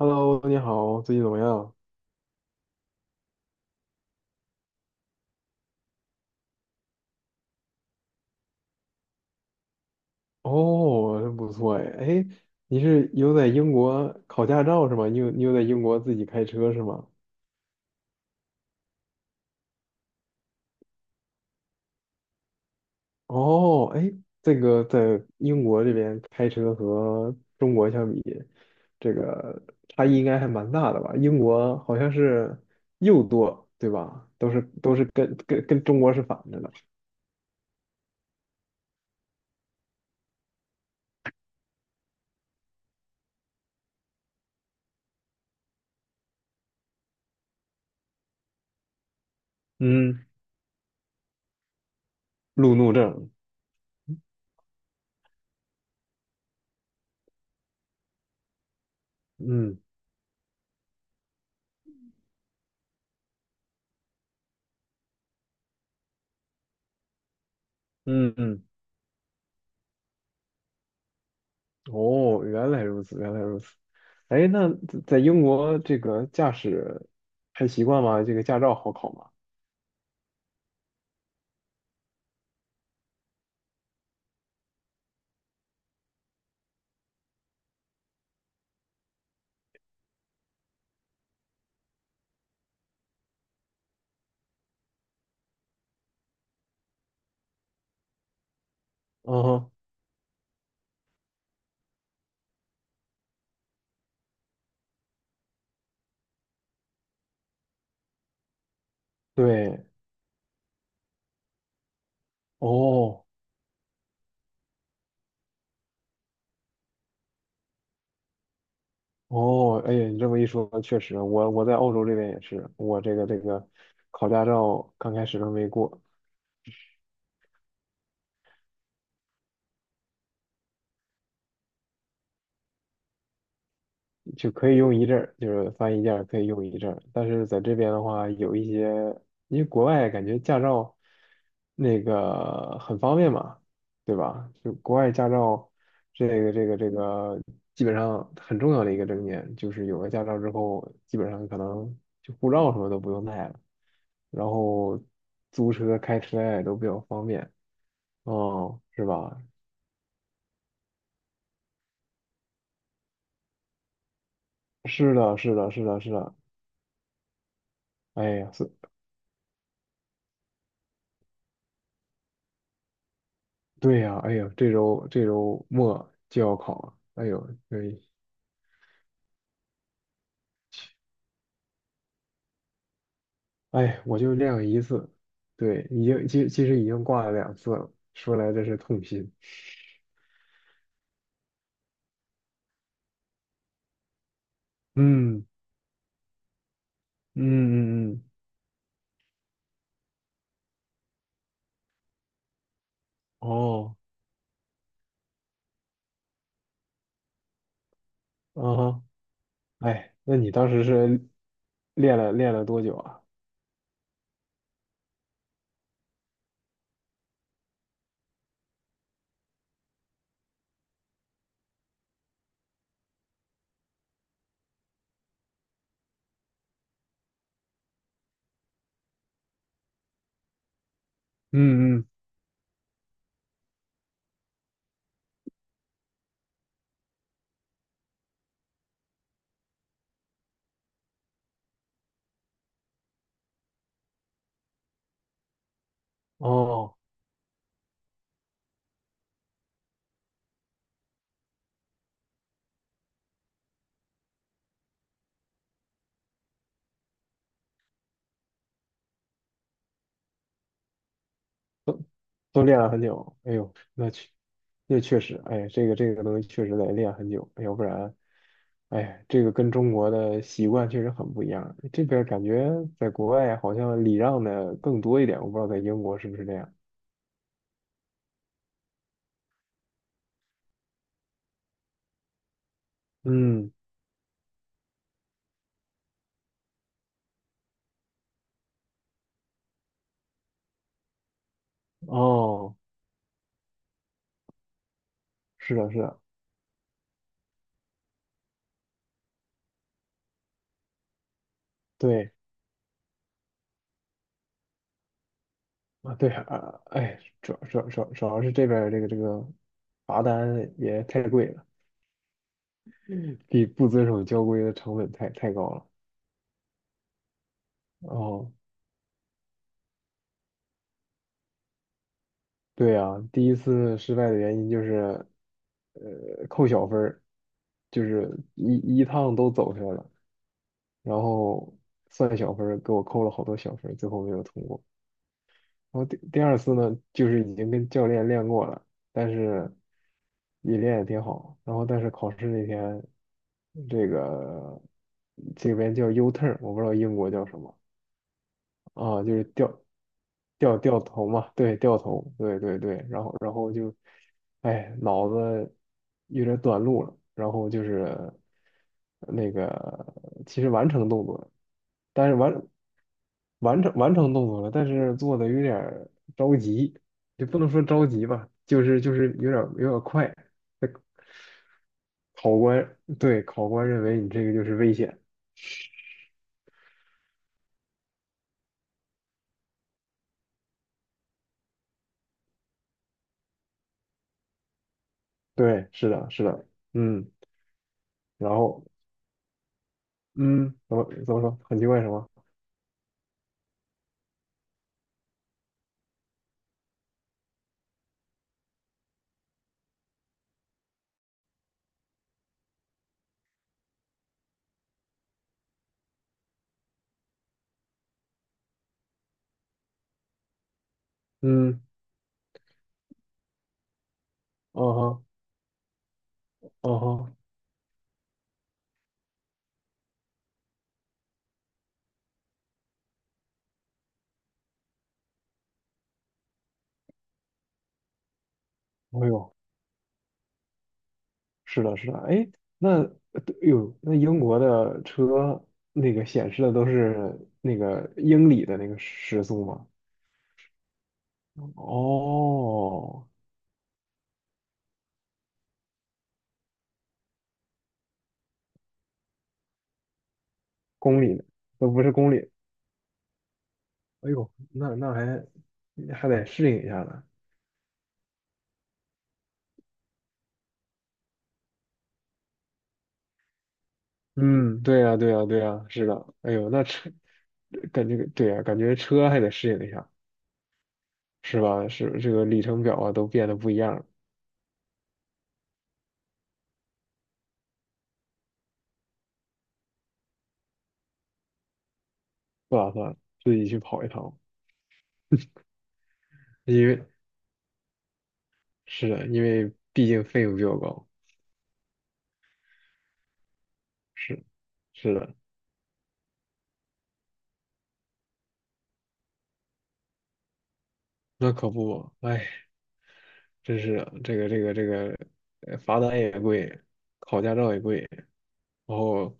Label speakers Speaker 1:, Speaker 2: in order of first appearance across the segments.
Speaker 1: Hello，你好，最近怎么样？哦，真不错哎。哎，你是有在英国考驾照是吗？你有在英国自己开车是吗？哦，哎，这个在英国这边开车和中国相比，这个差异应该还蛮大的吧？英国好像是右舵，对吧？都是跟中国是反着的。嗯，路怒症。嗯嗯嗯。哦，原来如此，原来如此。哎，那在英国这个驾驶还习惯吗？这个驾照好考吗？嗯哼，对，哦哦，哎呀，你这么一说，确实，我在澳洲这边也是，我这个考驾照刚开始都没过，就可以用一阵儿，就是翻译件儿可以用一阵儿，但是在这边的话，有一些，因为国外感觉驾照那个很方便嘛，对吧？就国外驾照这个基本上很重要的一个证件，就是有了驾照之后，基本上可能就护照什么都不用带了，然后租车开车呀也都比较方便，哦，是吧？是的，是的，是的，是的，哎呀，对呀，哎呦，这周末就要考了，哎呦，对，哎，我就练了一次，对，已经其实已经挂了两次了，说来这是痛心。嗯嗯嗯嗯，哦，啊哈，哎，那你当时是练了多久啊？嗯嗯，哦。都练了很久，哎呦，那确实，哎，这个东西确实得练很久，要不然，哎，这个跟中国的习惯确实很不一样。这边感觉在国外好像礼让的更多一点，我不知道在英国是不是这样。嗯，哦，是的，是的，对啊，对啊，哎，主要是这边儿这个罚单也太贵了，比不遵守交规的成本太高了。哦。对呀，第一次失败的原因就是，呃，扣小分儿，就是一趟都走出来了，然后算小分儿，给我扣了好多小分儿，最后没有通过。然后第二次呢，就是已经跟教练练过了，但是也练得挺好，然后但是考试那天，这个这边叫 U turn，我不知道英国叫什么。啊，就是掉头嘛，对，掉头，对对对，然后就，哎，脑子有点短路了，然后就是那个其实完成动作了，但是完成动作了，但是做的有点儿着急，也不能说着急吧，就是有点快，那考官认为你这个就是危险，对，是的，是的，嗯，然后。嗯，怎么说？很奇怪什么？嗯，哦哈，哦哈，哎呦，是的，是的，哎，那对哎呦，那英国的车那个显示的都是那个英里的那个时速吗？哦，公里的都不是公里，哎呦，那还得适应一下呢。嗯，对呀，对呀，对呀，是的，哎呦，那车感觉对呀，感觉车还得适应一下，是吧？是这个里程表啊，都变得不一样了。不打算自己去跑一趟，因为是的，因为毕竟费用比较高。是，是的，那可不嘛，哎，真是的这个，罚单也贵，考驾照也贵，然后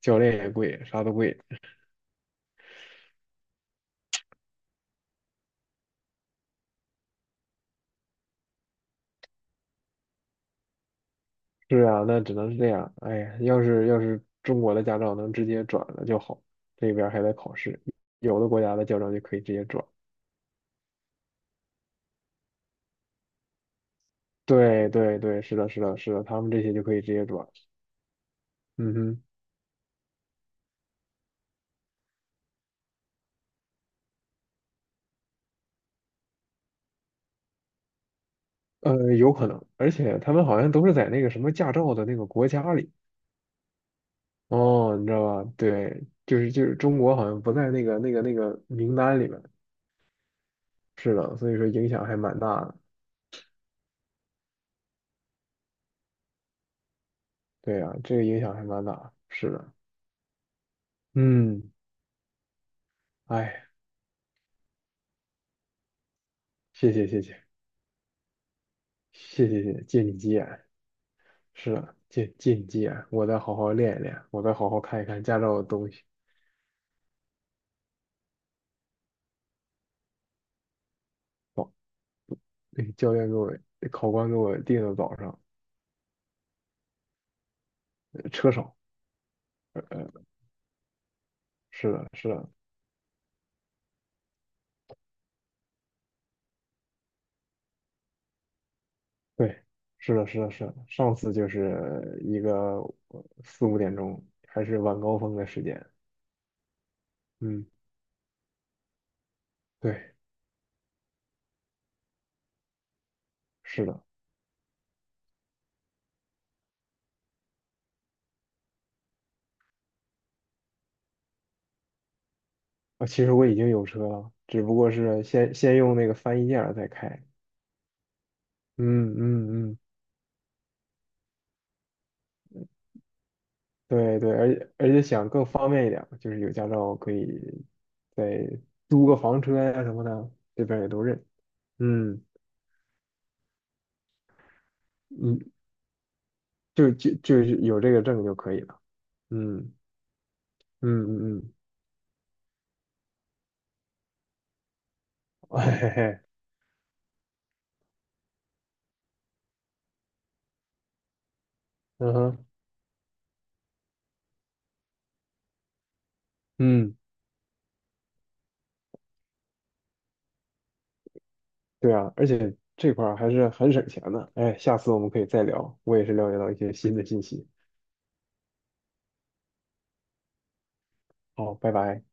Speaker 1: 教练也贵，啥都贵。是啊，那只能是这样。哎呀要是中国的驾照能直接转了就好，这边儿还得考试，有的国家的驾照就可以直接转。对对对，是的，是的，是的，他们这些就可以直接转。嗯哼。有可能，而且他们好像都是在那个什么驾照的那个国家里哦，你知道吧？对，就是中国好像不在那个名单里面，是的，所以说影响还蛮大的。对呀，这个影响还蛮大，是的，嗯，哎，谢谢谢谢谢谢谢谢，借你吉言，是的，借你吉言，我再好好练一练，我再好好看一看驾照的东西。那个教练给我，考官给我定的早上，车少，呃，呃是的，是的，对，是的，是的，是的。上次就是一个四五点钟，还是晚高峰的时间。嗯，对，是的。啊，其实我已经有车了，只不过是先用那个翻译件儿再开。嗯嗯嗯，对对，而且想更方便一点儿就是有驾照可以再租个房车呀、什么的，这边儿也都认。嗯嗯，就是有这个证就可以了。嗯嗯嗯嗯，嘿嘿嘿，嗯哼，嗯。对啊，而且这块儿还是很省钱的。哎，下次我们可以再聊，我也是了解到一些新的信息。好，拜拜。